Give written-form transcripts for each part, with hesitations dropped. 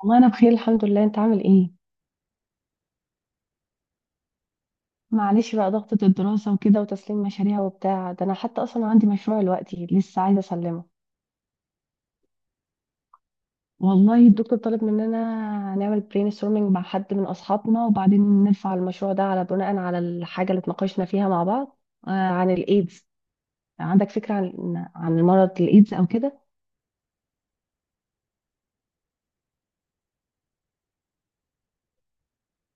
والله انا بخير، الحمد لله. انت عامل ايه؟ معلش بقى، ضغطة الدراسة وكده وتسليم مشاريع وبتاع ده. انا حتى اصلا عندي مشروع دلوقتي لسه عايزة اسلمه. والله الدكتور طلب مننا نعمل برين ستورمينج مع حد من اصحابنا، وبعدين نرفع المشروع ده على بناء على الحاجة اللي اتناقشنا فيها مع بعض. عن الايدز. عندك فكرة عن مرض الايدز او كده؟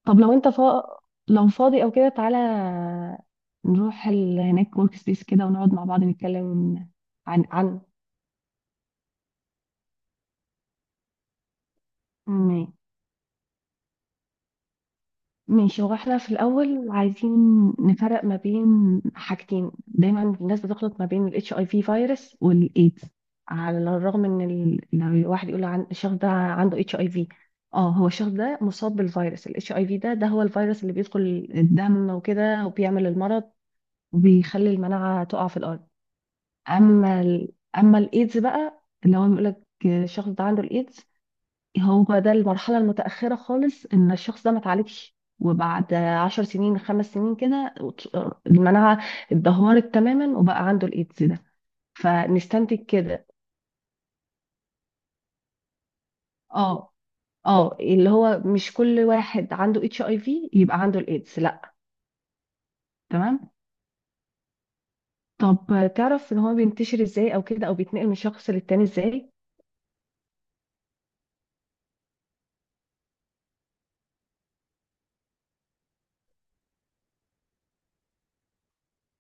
طب لو انت لو فاضي او كده تعالى نروح هناك ورك سبيس كده ونقعد مع بعض نتكلم عن عن ماشي. ماشي، هو احنا في الأول عايزين نفرق ما بين حاجتين. دايما الناس بتخلط ما بين ال HIV فيروس والإيدز. على الرغم إن لو الواحد يقول عن الشخص ده عنده HIV، اه هو الشخص ده مصاب بالفيروس ال HIV ده هو الفيروس اللي بيدخل الدم وكده وبيعمل المرض، وبيخلي المناعة تقع في الأرض. أما ال... أما الإيدز بقى اللي هو بيقول لك الشخص ده عنده الإيدز، هو ده المرحلة المتأخرة خالص. إن الشخص ده ما اتعالجش، وبعد عشر سنين خمس سنين كده المناعة اتدهورت تماما وبقى عنده الإيدز ده. فنستنتج كده اه، اه اللي هو مش كل واحد عنده اتش اي في يبقى عنده الإيدز، لا. تمام. طب تعرف ان هو بينتشر ازاي او كده، او بيتنقل من شخص للتاني ازاي؟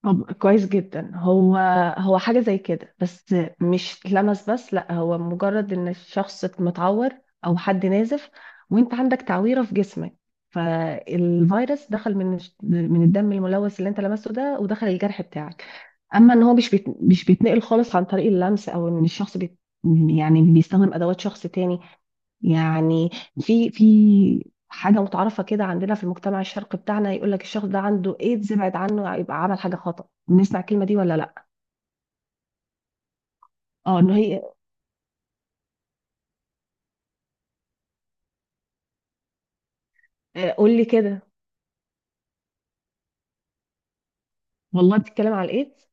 طب كويس جدا. هو حاجة زي كده، بس مش لمس بس، لا هو مجرد ان الشخص متعور او حد نازف، وانت عندك تعويرة في جسمك، فالفيروس دخل من من الدم الملوث اللي انت لمسته ده ودخل الجرح بتاعك. اما ان هو مش بيتنقل خالص عن طريق اللمس، او ان الشخص يعني بيستخدم ادوات شخص تاني. يعني في حاجة متعارفة كده عندنا في المجتمع الشرقي بتاعنا، يقول لك الشخص ده عنده ايدز ابعد عنه يبقى عمل حاجة خطأ. بنسمع الكلمة دي ولا لا؟ اه انه هي، قول لي كده. والله بتتكلم على الايدز.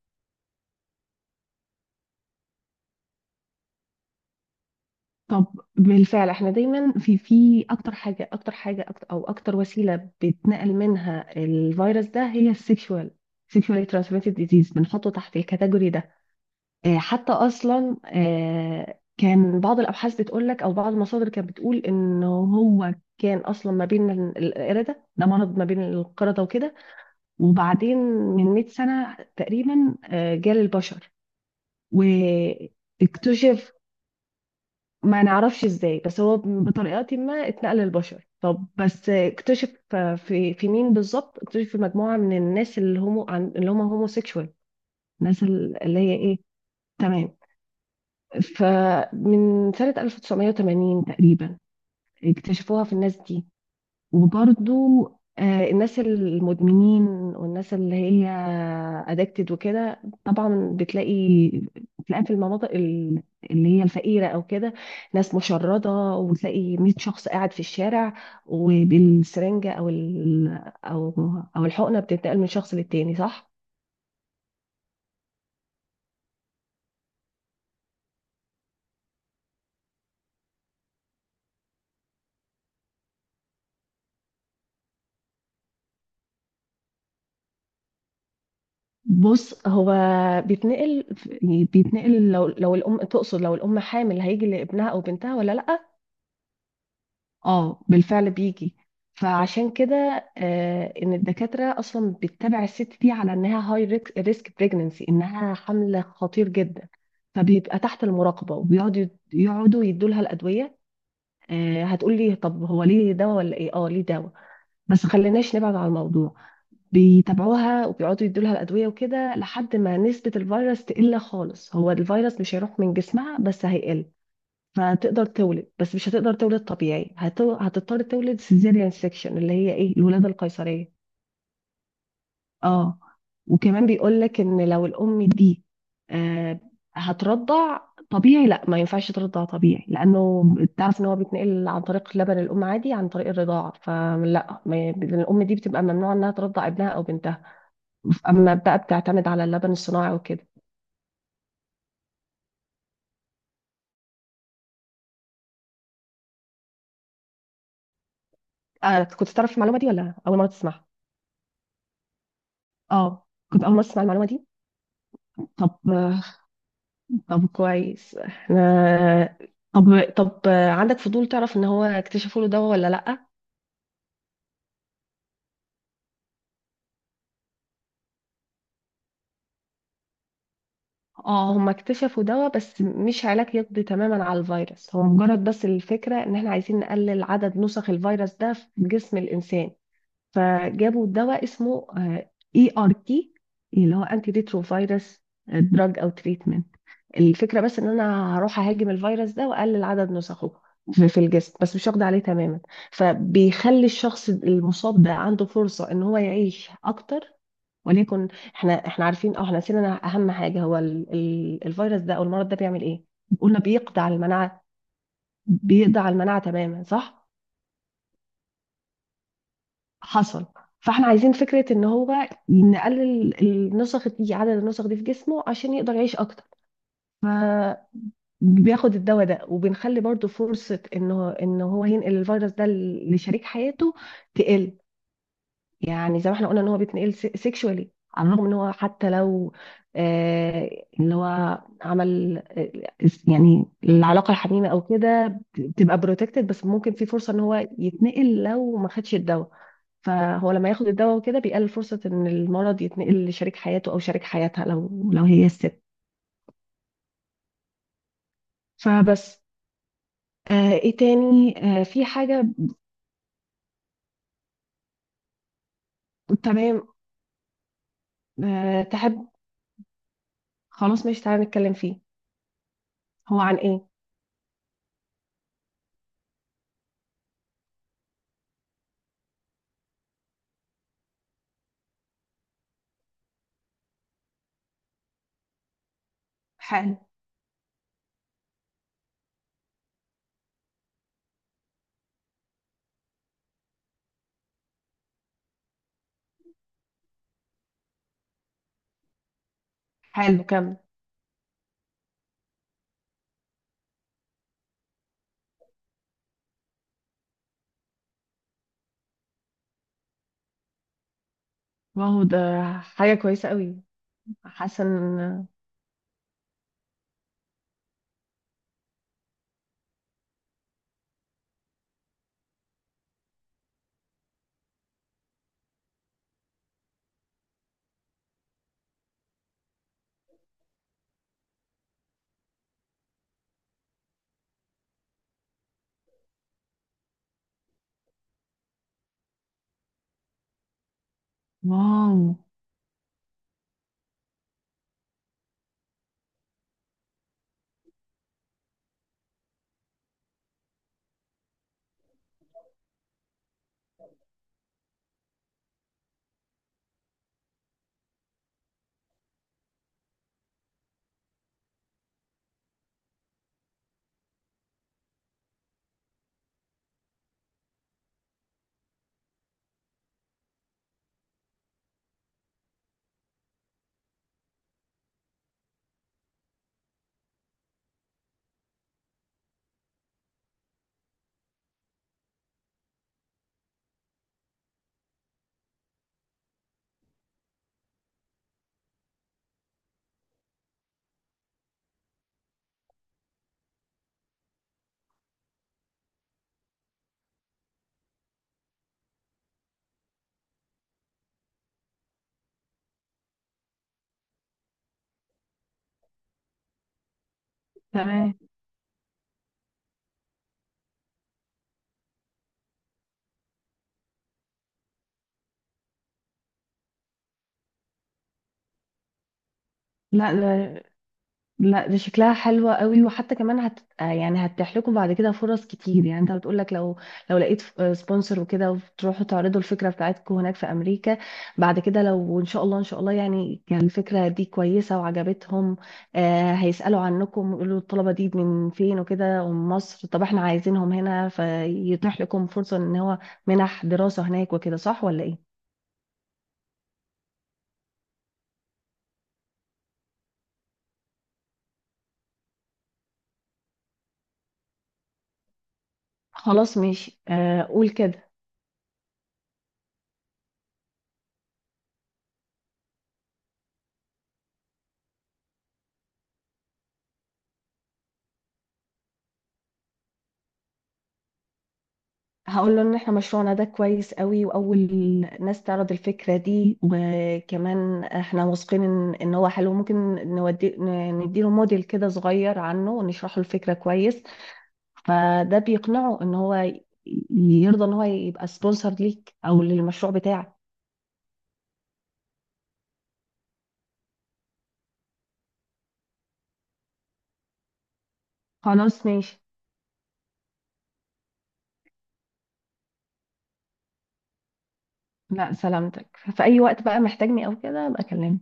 طب بالفعل، احنا دايما في اكتر حاجة أكتر، او اكتر وسيلة بيتنقل منها الفيروس ده، هي سيكشوالي ترانسميتد ديزيز. بنحطه تحت الكاتيجوري ده. حتى اصلا كان بعض الابحاث بتقول لك، او بعض المصادر كانت بتقول، ان هو كان اصلا ما بين القرده. ده مرض ما بين القرده وكده، وبعدين من 100 سنه تقريبا جال البشر واكتشف. ما نعرفش ازاي، بس هو بطريقه ما اتنقل للبشر. طب بس اكتشف في مين بالظبط؟ اكتشف في مجموعه من الناس، اللي هم هوموسيكشوال. الناس اللي هي ايه. تمام. فمن سنة 1980 تقريبا اكتشفوها في الناس دي. وبرضو الناس المدمنين، والناس اللي هي ادكتد وكده. طبعا بتلاقي في المناطق اللي هي الفقيرة او كده، ناس مشردة، وتلاقي 100 شخص قاعد في الشارع، وبالسرنجة او ال- او او الحقنة بتنتقل من شخص للتاني، صح؟ بص، هو بيتنقل بيتنقل لو الام، تقصد لو الام حامل هيجي لابنها او بنتها ولا لا؟ اه، بالفعل بيجي. فعشان كده ان الدكاتره اصلا بتتابع الست دي على انها هاي ريسك بريجننسي، انها حمل خطير جدا، فبيبقى تحت المراقبه، وبيقعدوا يدوا لها الادويه. هتقول لي طب هو ليه دواء ولا ايه، اه ليه دواء. بس خليناش نبعد عن الموضوع. بيتابعوها وبيقعدوا يدولها الأدوية وكده لحد ما نسبة الفيروس تقل خالص. هو الفيروس مش هيروح من جسمها، بس هيقل. فهتقدر تولد، بس مش هتقدر تولد طبيعي، هتضطر تولد سيزيريان سيكشن، اللي هي ايه، الولادة القيصرية. اه. وكمان بيقول لك ان لو الأم دي آه هترضع طبيعي، لا ما ينفعش ترضع طبيعي، لانه تعرف ان هو بيتنقل عن طريق لبن الام عادي، عن طريق الرضاعه. فلا، الام دي بتبقى ممنوع انها ترضع ابنها او بنتها، اما بقى بتعتمد على اللبن الصناعي وكده. كنت تعرف المعلومه دي ولا اول مره تسمعها؟ اه، كنت اول مره تسمع المعلومه دي. طب طب كويس احنا. طب طب عندك فضول تعرف ان هو اكتشفوا له دواء ولا لا؟ اه، هم اكتشفوا دواء، بس مش علاج يقضي تماما على الفيروس. هو مجرد بس الفكره ان احنا عايزين نقلل عدد نسخ الفيروس ده في جسم الانسان. فجابوا دواء اسمه اي ار تي، اللي هو انتي ريترو فيروس دراج او تريتمنت. الفكرة بس ان انا هروح اهاجم الفيروس ده واقلل عدد نسخه في الجسم، بس مش هقضي عليه تماما. فبيخلي الشخص المصاب ده عنده فرصة ان هو يعيش اكتر. وليكن، احنا عارفين، او احنا نسينا اهم حاجة، هو ال الفيروس ده او المرض ده بيعمل ايه؟ قلنا بيقضي على المناعة، بيقضي على المناعة تماما، صح. حصل. فاحنا عايزين فكرة ان هو نقلل النسخ دي، عدد النسخ دي في جسمه، عشان يقدر يعيش اكتر. بياخد الدواء ده، وبنخلي برضو فرصة انه ان هو ينقل الفيروس ده لشريك حياته تقل. يعني زي ما احنا قلنا ان هو بيتنقل سيكشوالي، على الرغم ان هو حتى لو اللي هو عمل، يعني العلاقة الحميمة او كده بتبقى بروتكتد، بس ممكن في فرصة ان هو يتنقل لو ما خدش الدواء. فهو لما ياخد الدواء وكده بيقلل فرصة ان المرض يتنقل لشريك حياته او شريك حياتها، لو هي الست. فبس، ايه تاني، في حاجة. تمام. تحب، خلاص ماشي تعالى نتكلم فيه. هو عن ايه؟ حلو. حلو، كمل. واو، ده حاجة كويسة قوي. حاسة ان. واو. تمام. لا، لا، لا، دي شكلها حلوة قوي، وحتى كمان هت آه يعني هتتيح لكم بعد كده فرص كتير. يعني انت بتقول لك لو لقيت سبونسر وكده، وتروحوا تعرضوا الفكرة بتاعتكم هناك في امريكا، بعد كده لو ان شاء الله، ان شاء الله يعني كان الفكرة دي كويسة وعجبتهم، هيسألوا عنكم، يقولوا الطلبة دي من فين وكده، ومن مصر، طب احنا عايزينهم هنا، فيتيح لكم فرصة ان هو منح دراسة هناك وكده، صح ولا ايه؟ خلاص ماشي. قول كده. هقول له ان احنا مشروعنا ده كويس قوي، واول ناس تعرض الفكره دي، وكمان احنا واثقين ان هو حلو. ممكن نودي، نديله موديل كده صغير عنه ونشرح له الفكره كويس، فده بيقنعه ان هو يرضى ان هو يبقى سبونسر ليك او للمشروع بتاعك. خلاص ماشي. لا سلامتك، في اي وقت بقى محتاجني او كده ابقى اكلمك.